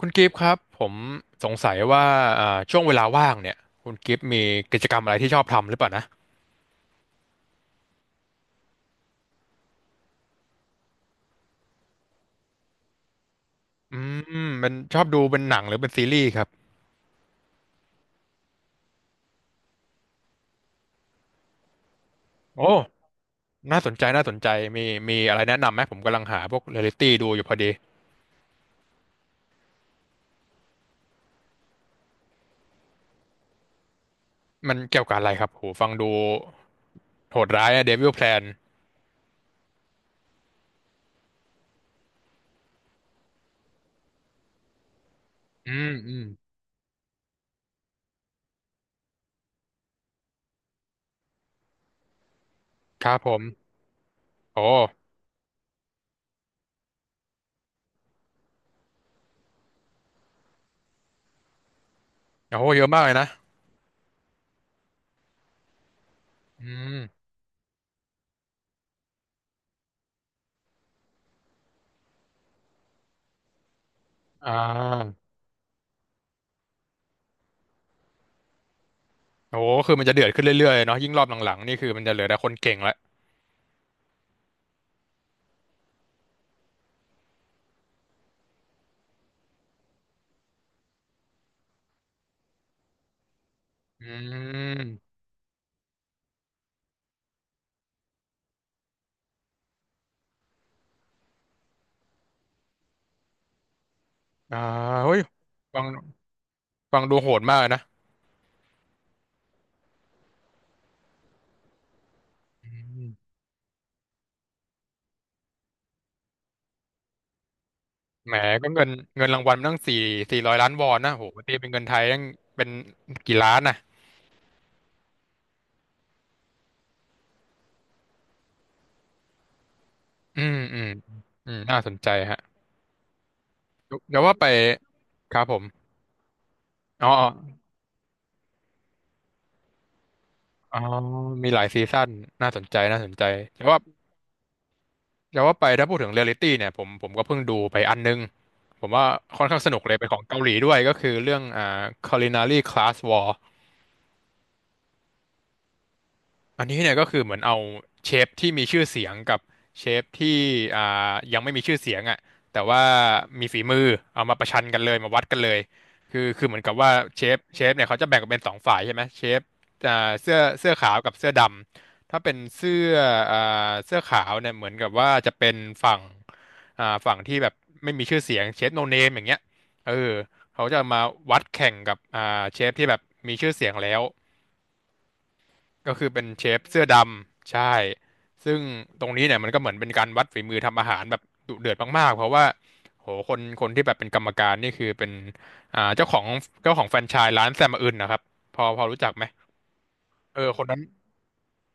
คุณกิฟต์ครับผมสงสัยว่าช่วงเวลาว่างเนี่ยคุณกิฟต์มีกิจกรรมอะไรที่ชอบทำหรือเปล่านะอืมเป็นชอบดูเป็นหนังหรือเป็นซีรีส์ครับโอ้น่าสนใจน่าสนใจมีอะไรแนะนำไหมผมกำลังหาพวกเรียลลิตี้ดูอยู่พอดีมันเกี่ยวกับอะไรครับโหฟังดูโหดร้ายอะเดวิลแพลนอืมอืมครับผมโอ้โอ้เยอะมากเลยนะอืมอ่าโอ้คือมันจะเดือดขึ้นเรื่อยๆเนาะยิ่งรอบหลังๆนี่คือมันจะเหลือแต่คนเก่งละอืม อ่าเฮ้ยฟังฟังดูโหดมากนะอืมแหมก็เงินเงินรางวัลมันตั้งสี่สี่ร้อยล้านวอนนะโหตีเป็นเงินไทยตั้งเป็นกี่ล้านนะอืมอืมอืมน่าสนใจฮะเดี๋ยวว่าไปครับผมอ๋ออ๋อมีหลายซีซั่นน่าสนใจน่าสนใจจะวว่าแตวว่าไปถ้าพูดถึงเรียลลิตี้เนี่ยผมก็เพิ่งดูไปอันนึงผมว่าค่อนข้างสนุกเลยเป็นของเกาหลีด้วยก็คือเรื่องCulinary Class War อันนี้เนี่ยก็คือเหมือนเอาเชฟที่มีชื่อเสียงกับเชฟที่อ่ยังไม่มีชื่อเสียงอ่ะแต่ว่ามีฝีมือเอามาประชันกันเลยมาวัดกันเลยคือเหมือนกับว่าเชฟเนี่ยเขาจะแบ่งเป็นสองฝ่ายใช่ไหมเชฟอ่าเสื้อขาวกับเสื้อดำถ้าเป็นเสื้ออ่เสื้อขาวเนี่ยเหมือนกับว่าจะเป็นฝั่งฝั่งที่แบบไม่มีชื่อเสียงเชฟโนเนมอย่างเงี้ยเออเขาจะมาวัดแข่งกับเชฟที่แบบมีชื่อเสียงแล้ว ก็คือเป็นเชฟเสื้อดำใช่ ซึ่งตรงนี้เนี่ยมันก็เหมือนเป็นการวัดฝีมือทำอาหารแบบดุเดือดมากๆ เพราะว่าโหคนที่แบบเป็นกรรมการนี่คือเป็นอ่าเจ้าของเจ้าของแฟรนไชส์ร้านแซมอื่นนะครับพอรู้จักไหมเออคนนั้น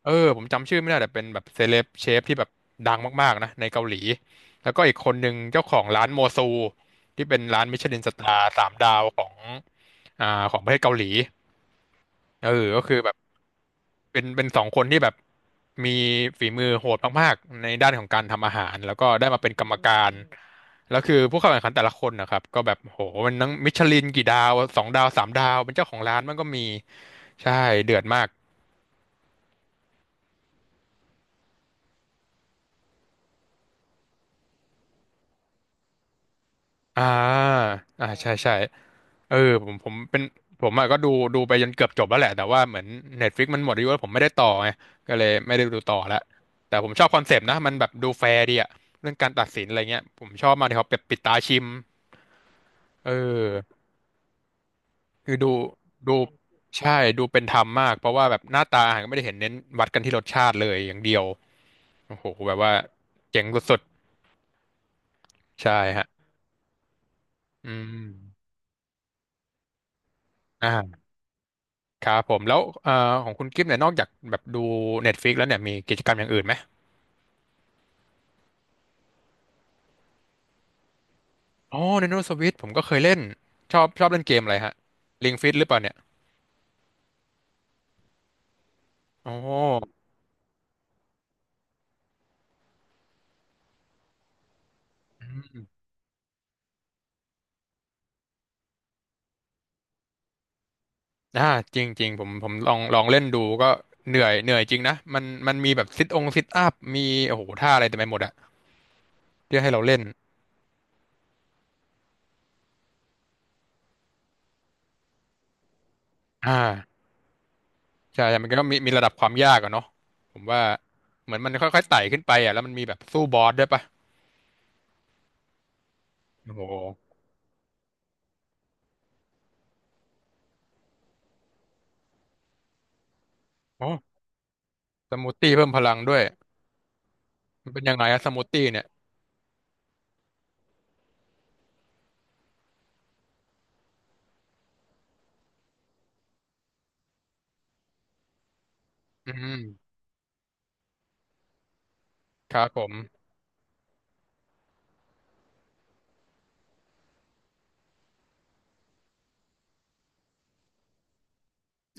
เออผมจำชื่อไม่ได้แต่เป็นแบบเซเลบเชฟที่แบบดังมากๆนะในเกาหลีแล้วก็อีกคนหนึ่งเจ้าของร้านโมซูที่เป็นร้านมิชลินสตาร์สามดาวของอ่าของประเทศเกาหลีเออก็คือแบบ เป็นสองคนที่แบบมีฝีมือโหดมากๆในด้านของการทำอาหารแล้วก็ได้มาเป็นกรรมการแล้วคือผู้เข้าแข่งขันแต่ละคนนะครับก็แบบโหมันทั้งมิชลินกี่ดาวสองดาวสามดาวเป็นเจ้าของร้านมันก็มีใช่เดือดมากอ่าอ่าใช่ใช่เออผมเป็นผมอะก็ดูดูไปจนเกือบจบแล้วแหละแต่ว่าเหมือน Netflix มันหมดอายุแล้วผมไม่ได้ต่อไงก็เลยไม่ได้ดูต่อละแต่ผมชอบคอนเซปต์นะมันแบบดูแฟร์ดีอะเรื่องการตัดสินอะไรเงี้ยผมชอบมากที่เขาแบบปิดตาชิม เออคือดูดูใช่ดูเป็นธรรมมากเพราะว่าแบบหน้าตาอาหารก็ไม่ได้เห็นเน้นวัดกันที่รสชาติเลยอย่างเดียวโอ้โหแบบว่าเจ๋งสุดๆใช่ฮะอืมอ่าครับผมแล้วของคุณกิฟเนี่ยนอกจากแบบดู Netflix แล้วเนี่ยมีกิจกรรมอย่างอื่นไหมอ๋อ Nintendo Switch ผมก็เคยเล่นชอบเล่นเกมอะไรฮะ Ring Fit หรือเปล่าเนี่ยอ๋ออ่าจริงจริงผมลองเล่นดูก็เหนื่อยจริงนะมันมีแบบซิทองซิทอัพมีโอ้โหท่าอะไรเต็มไปหมดอะ เรียกให้เราเล่นอ่าใช่มันก็มีระดับความยากอะเนาะผมว่าเหมือนมันค่อยๆไต่ขึ้นไปอ่ะแล้วมันมีแบบสู้บอสด้วยปะโอ้โหโอ้สมูทตี้เพิ่มพลังด้วยมันเป็นยังไงอะสมูทตี้เนี่ยอืมครับผม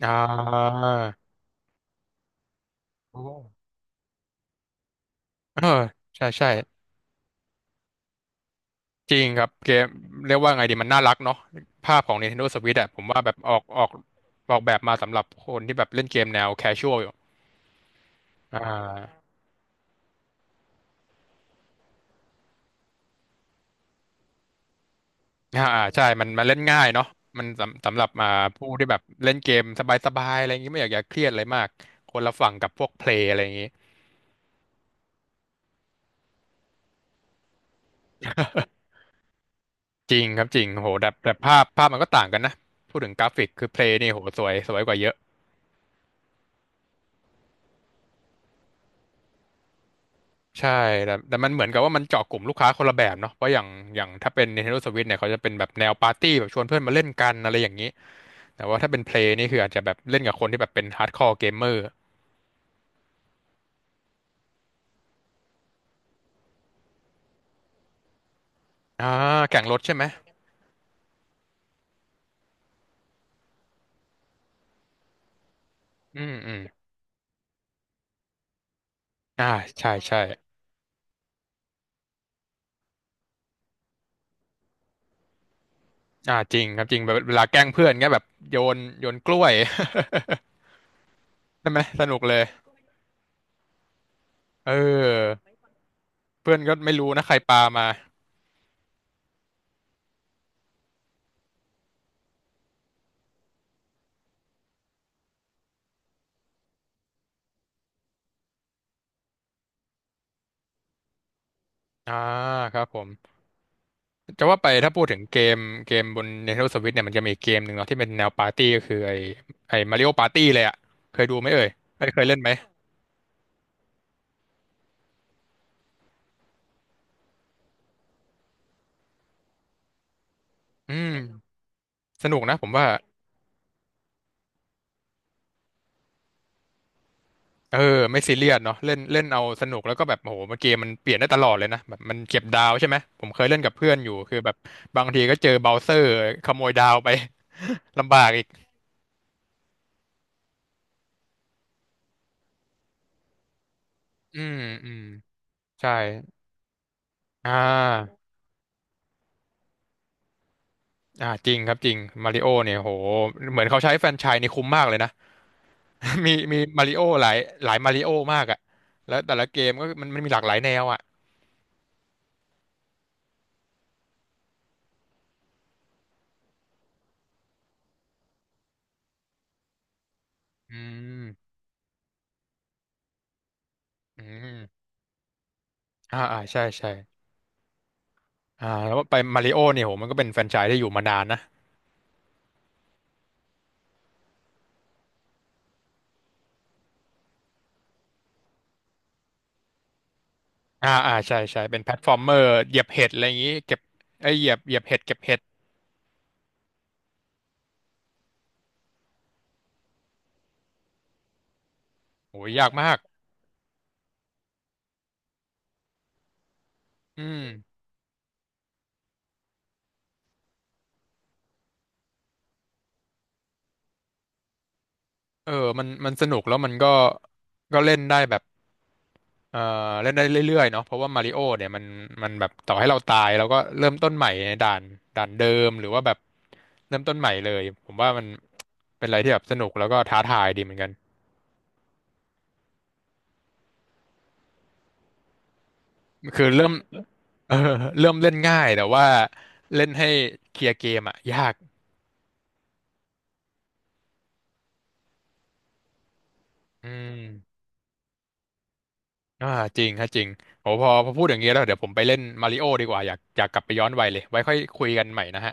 อ่าโอ้เออใช่ใช่จริงครับ เกมเรียกว่าไงดีมันน่ารักเนาะภาพของ Nintendo Switch อะผมว่าแบบออกแบบมาสำหรับคนที่แบบเล่นเกมแนว casual อยู่อ่า อ่าอ่าใช่มันเล่นง่ายเนาะมันสำหรับมาผู้ที่แบบเล่นเกมสบายๆอะไรอย่างงี้ไม่อยากเครียดอะไรมากคนละฝั่งกับพวกเพลย์อะไรอย่างงี้ จริงครับจริงโหแต่แต่ภาพมันก็ต่างกันนะพูดถึงกราฟิกคือเพลย์นี่โหสวยสวยกว่าเยอะใช่แต่แต่มันเหมือนกับว่ามันเจาะกลุ่มลูกค้าคนละแบบเนาะเพราะอย่างอย่างถ้าเป็น Nintendo Switch เนี่ยเขาจะเป็นแบบแนวปาร์ตี้แบบชวนเพื่อนมาเล่นกันอะไรอย่างนี้แต่ว่าถ้าเป็นเพลย์นี่คืออาจจะแบบเล่นกับคนที่แบบเป็นฮาร์ดคอร์เกมเมอร์อ่าแข่งรถใช่ไหมอืมอืมอ่าใช่ใช่ อ่าจริงครับจริงแบบเวลาแกล้งเพื่อนเงี้ยแบบโยนกล้วย ใช่ไหมสนุกเลยเออเพื่อนก็ไม่รู้นะใครปามาอ่าครับผมจะว่าไปถ้าพูดถึงเกมบน Nintendo Switch เนี่ยมันจะมีเกมหนึ่งเนาะที่เป็นแนวปาร์ตี้ก็คือไอ้มาริโอปาร์ตี้เลยอ่ะเคยดูไหมเอ่ยเอ้ยเคยเล่นไหมอืมสนุกนะผมว่าเออไม่ซีเรียสเนาะเล่นเล่นเอาสนุกแล้วก็แบบโอ้โหมันเกมมันเปลี่ยนได้ตลอดเลยนะแบบมันเก็บดาวใช่ไหมผมเคยเล่นกับเพื่อนอยู่คือแบบบางทีก็เจอเบราว์เซอร์ขโมยดาวไป ลำบากอีก อืมอืมใช่อ่าอ่าจริงครับจริงมาริโอเนี่ยโหเหมือนเขาใช้แฟรนไชส์นี่คุ้มมากเลยนะ มีมาริโอหลายหลายมาริโอมากอ่ะแล้วแต่ละเกมก็มันมีหลากหลายแนวอ่ะอืมอืมอ่าอ่าใช่ใช่อ่าแล้วไปมาริโอเนี่ยโหมันก็เป็นแฟรนไชส์ที่อยู่มานานนะอ่าอ่าใช่ใช่เป็นแพลตฟอร์มเมอร์เหยียบเห็ดอะไรอย่างงี้เก็บไอยเหยียบเห็ดเก็บเห็ดโหยากมากอืมเออมันสนุกแล้วมันก็ก็เล่นได้แบบ เอ่อเล่นได้เรื่อยๆเนาะเพราะว่ามาริโอเนี่ยมันมันแบบต่อให้เราตายเราก็เริ่มต้นใหม่ในด่านเดิมหรือว่าแบบเริ่มต้นใหม่เลยผมว่ามันเป็นอะไรที่แบบสนุกแล้วก็ท้าทายดีเหมือนกันคือเริ่มเออเริ่มเล่นง่ายแต่ว่าเล่นให้เคลียร์เกมอะยากอืมอ่าจริงฮะจริงโอ้พอพูดอย่างนี้แล้วเดี๋ยวผมไปเล่นมาริโอดีกว่าอยากกลับไปย้อนวัยเลยไว้ค่อยคุยกันใหม่นะฮะ